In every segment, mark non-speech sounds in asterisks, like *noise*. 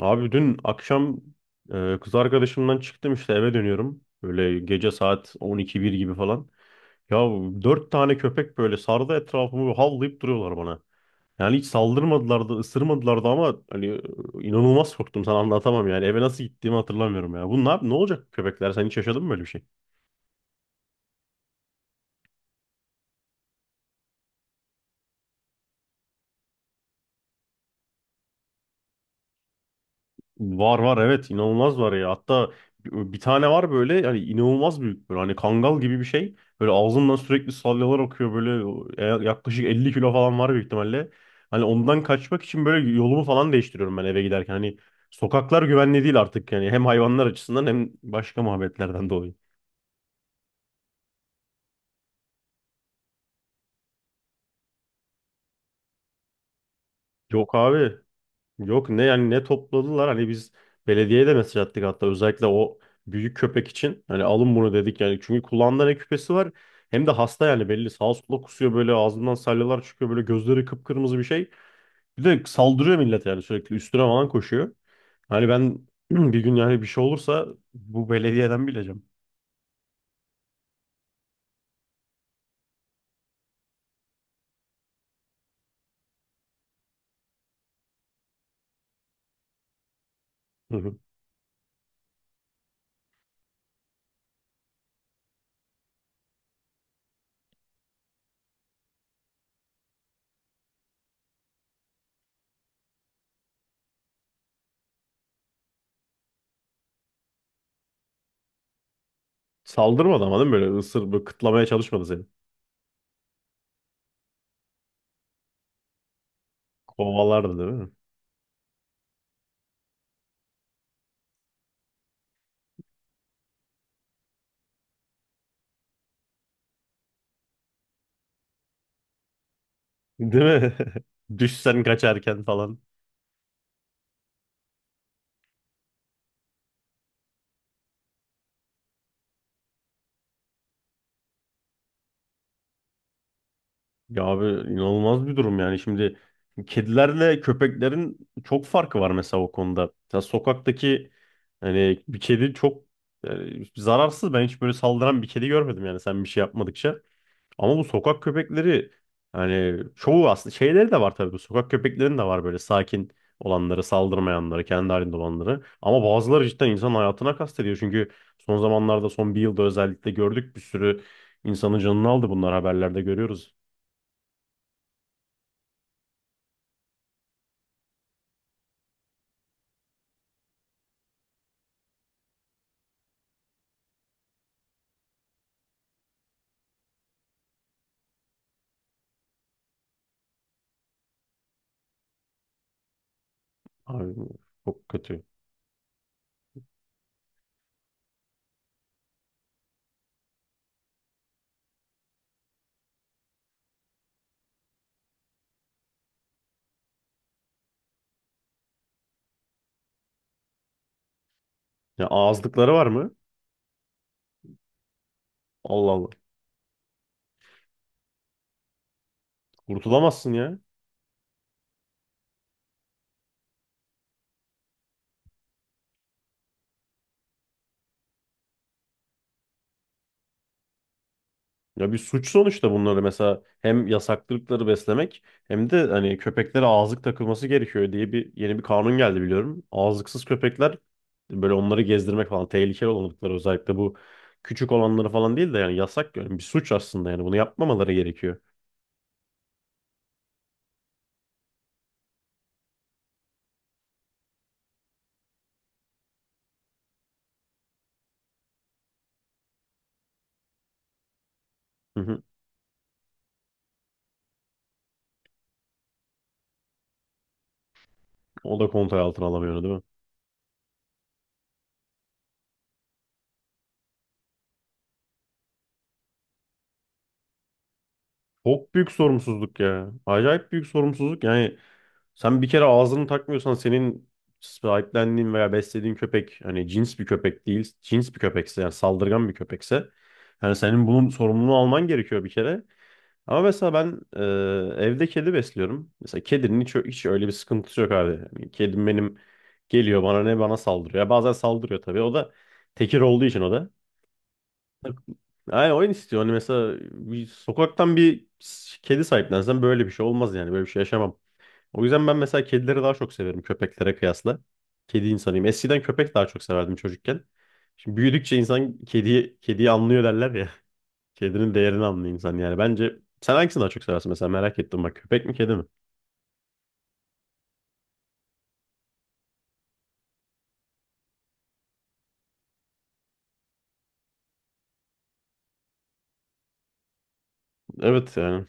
Abi dün akşam kız arkadaşımdan çıktım işte eve dönüyorum. Böyle gece saat 12-1 gibi falan. Ya dört tane köpek böyle sardı etrafımı havlayıp duruyorlar bana. Yani hiç saldırmadılar da ısırmadılar da ama hani inanılmaz korktum sana anlatamam yani. Eve nasıl gittiğimi hatırlamıyorum ya. Bu ne, ne olacak köpekler? Sen hiç yaşadın mı böyle bir şey? Var var, evet, inanılmaz var ya. Hatta bir tane var böyle, yani inanılmaz büyük, böyle hani kangal gibi bir şey. Böyle ağzından sürekli salyalar akıyor böyle, yaklaşık 50 kilo falan var büyük ihtimalle. Hani ondan kaçmak için böyle yolumu falan değiştiriyorum ben eve giderken. Hani sokaklar güvenli değil artık yani, hem hayvanlar açısından hem başka muhabbetlerden *laughs* dolayı. Yok abi. Yok, ne yani, ne topladılar, hani biz belediyeye de mesaj attık, hatta özellikle o büyük köpek için hani alın bunu dedik yani, çünkü kulağında ne küpesi var, hem de hasta yani, belli, sağa sola kusuyor, böyle ağzından salyalar çıkıyor, böyle gözleri kıpkırmızı bir şey, bir de saldırıyor millet yani, sürekli üstüne falan koşuyor. Hani ben *clears throat* bir gün yani bir şey olursa bu belediyeden bileceğim. Hı hı. Saldırmadı ama değil mi, böyle ısır, böyle kıtlamaya çalışmadı seni, kovalardı değil mi? Değil mi? *laughs* Düşsen kaçarken falan. Ya abi, inanılmaz bir durum yani. Şimdi kedilerle köpeklerin çok farkı var mesela o konuda. Mesela sokaktaki, hani bir kedi çok yani zararsız. Ben hiç böyle saldıran bir kedi görmedim yani, sen bir şey yapmadıkça. Ama bu sokak köpekleri, hani çoğu aslında şeyleri de var tabii. Bu sokak köpeklerin de var böyle sakin olanları, saldırmayanları, kendi halinde olanları. Ama bazıları cidden insan hayatına kastediyor. Çünkü son zamanlarda, son bir yılda özellikle gördük, bir sürü insanın canını aldı bunlar, haberlerde görüyoruz. Abi çok kötü. Ya ağızlıkları var mı? Allah Allah. Kurtulamazsın ya. Ya bir suç sonuçta bunları, mesela hem yasaklı beslemek, hem de hani köpeklere ağızlık takılması gerekiyor diye bir yeni bir kanun geldi biliyorum. Ağızlıksız köpekler, böyle onları gezdirmek falan, tehlikeli olanlıkları özellikle, bu küçük olanları falan değil de, yani yasak, yani bir suç aslında, yani bunu yapmamaları gerekiyor. Hı hı. O da kontrol altına alamıyor değil mi? Çok büyük sorumsuzluk ya. Acayip büyük sorumsuzluk. Yani sen bir kere ağzını takmıyorsan, senin sahiplendiğin veya beslediğin köpek hani cins bir köpek değil, cins bir köpekse yani, saldırgan bir köpekse, yani senin bunun sorumluluğunu alman gerekiyor bir kere. Ama mesela ben evde kedi besliyorum. Mesela kedinin hiç, hiç öyle bir sıkıntısı yok abi. Yani kedim benim geliyor bana, ne bana saldırıyor. Ya bazen saldırıyor tabii. O da tekir olduğu için o da. Yani oyun istiyor. Hani mesela bir sokaktan bir kedi sahiplensen böyle bir şey olmaz yani. Böyle bir şey yaşamam. O yüzden ben mesela kedileri daha çok severim köpeklere kıyasla. Kedi insanıyım. Eskiden köpek daha çok severdim çocukken. Şimdi büyüdükçe insan kediyi anlıyor derler ya. *laughs* Kedinin değerini anlıyor insan yani. Bence sen hangisini daha çok seversin mesela, merak ettim bak. Köpek mi, kedi mi? Evet yani.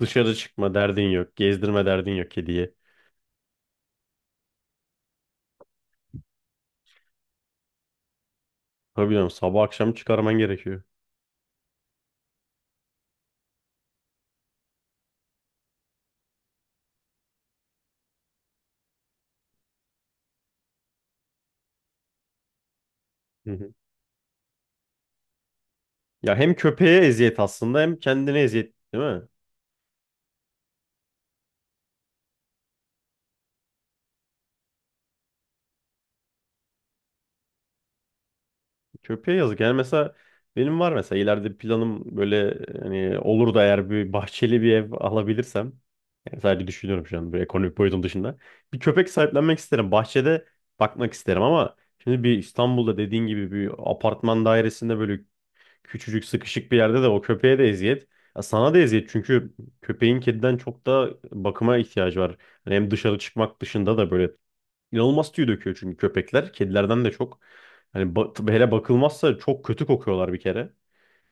Dışarı çıkma derdin yok. Gezdirme derdin yok kediye. Tabii canım, sabah akşam çıkarman gerekiyor. Hı hı. Ya hem köpeğe eziyet aslında, hem kendine eziyet değil mi? Köpeğe yazık. Yani mesela benim var mesela ileride planım, böyle hani olur da eğer bir bahçeli bir ev alabilirsem, yani sadece düşünüyorum şu an, böyle ekonomik boyutun dışında. Bir köpek sahiplenmek isterim. Bahçede bakmak isterim. Ama şimdi bir İstanbul'da dediğin gibi bir apartman dairesinde, böyle küçücük sıkışık bir yerde, de o köpeğe de eziyet. Ya sana da eziyet, çünkü köpeğin kediden çok da bakıma ihtiyacı var. Hani hem dışarı çıkmak dışında da böyle İnanılmaz tüy döküyor çünkü köpekler. Kedilerden de çok. Hani hele bakılmazsa çok kötü kokuyorlar bir kere.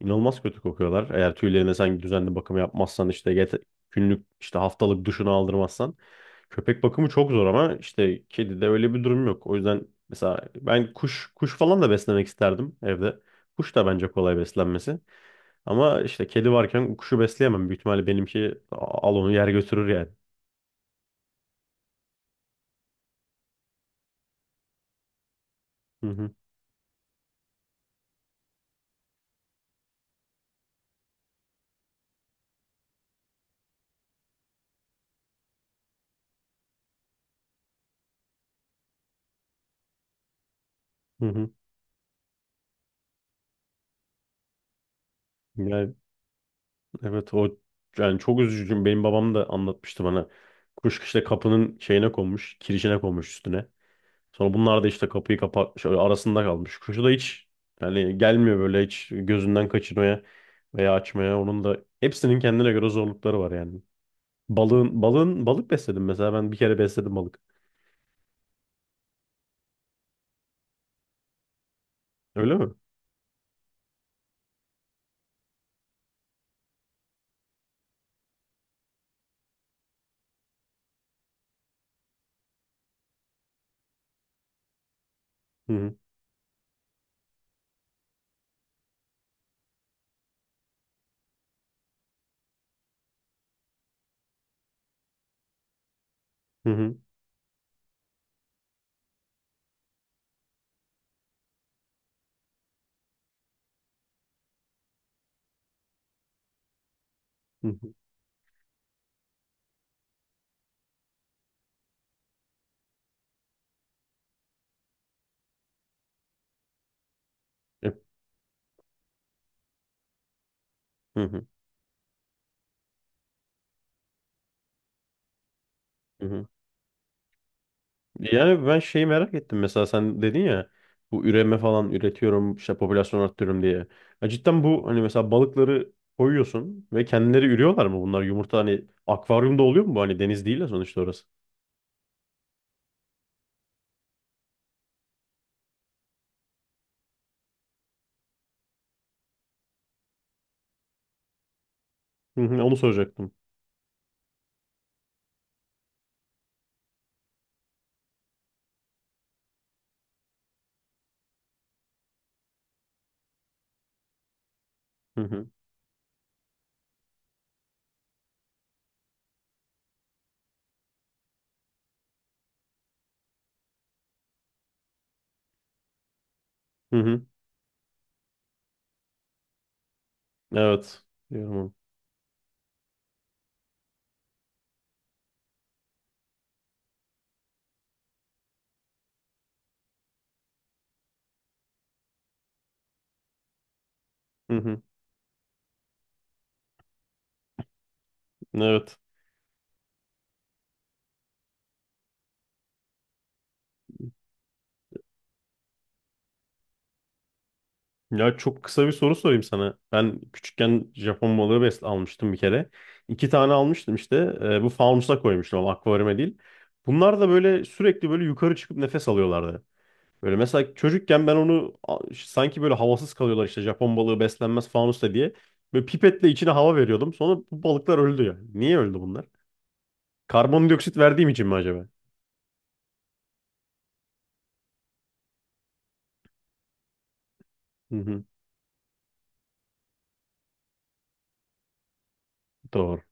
İnanılmaz kötü kokuyorlar. Eğer tüylerine sen düzenli bakım yapmazsan, işte günlük işte haftalık duşunu aldırmazsan. Köpek bakımı çok zor, ama işte kedide öyle bir durum yok. O yüzden mesela ben kuş kuş falan da beslemek isterdim evde. Kuş da bence kolay beslenmesi. Ama işte kedi varken kuşu besleyemem. Büyük ihtimalle benimki al onu yer götürür yani. Hı hı. Hı hı. Yani evet, o yani çok üzücü. Benim babam da anlatmıştı bana. Kuş işte kapının şeyine konmuş, kirişine konmuş üstüne. Sonra bunlar da işte kapıyı kapatmış, öyle arasında kalmış. Kuşu da hiç yani gelmiyor böyle hiç gözünden kaçırmaya veya açmaya. Onun da hepsinin kendine göre zorlukları var yani. Balık besledim mesela. Ben bir kere besledim balık. Öyle mi? Hı hı, hı hı, hı hı. E, hı hı, hı hı. Yani ben şeyi merak ettim, mesela sen dedin ya, bu üreme falan üretiyorum işte, popülasyon arttırıyorum diye. Ya cidden bu hani mesela balıkları koyuyorsun ve kendileri ürüyorlar mı bunlar, yumurta hani akvaryumda oluyor mu bu, hani deniz değil ya sonuçta orası. Hı hı, onu soracaktım. Hı hı. Hı hı. Evet. Diyorum. Hı hı. Evet. Ya çok kısa bir soru sorayım sana. Ben küçükken Japon balığı besle almıştım bir kere. 2 tane almıştım işte. Bu fanusa koymuştum ama, akvaryuma değil. Bunlar da böyle sürekli böyle yukarı çıkıp nefes alıyorlardı. Böyle mesela çocukken ben onu sanki böyle havasız kalıyorlar, işte Japon balığı beslenmez fanusta diye. Böyle pipetle içine hava veriyordum. Sonra bu balıklar öldü ya. Niye öldü bunlar? Karbondioksit verdiğim için mi acaba? Hı hı, doğru.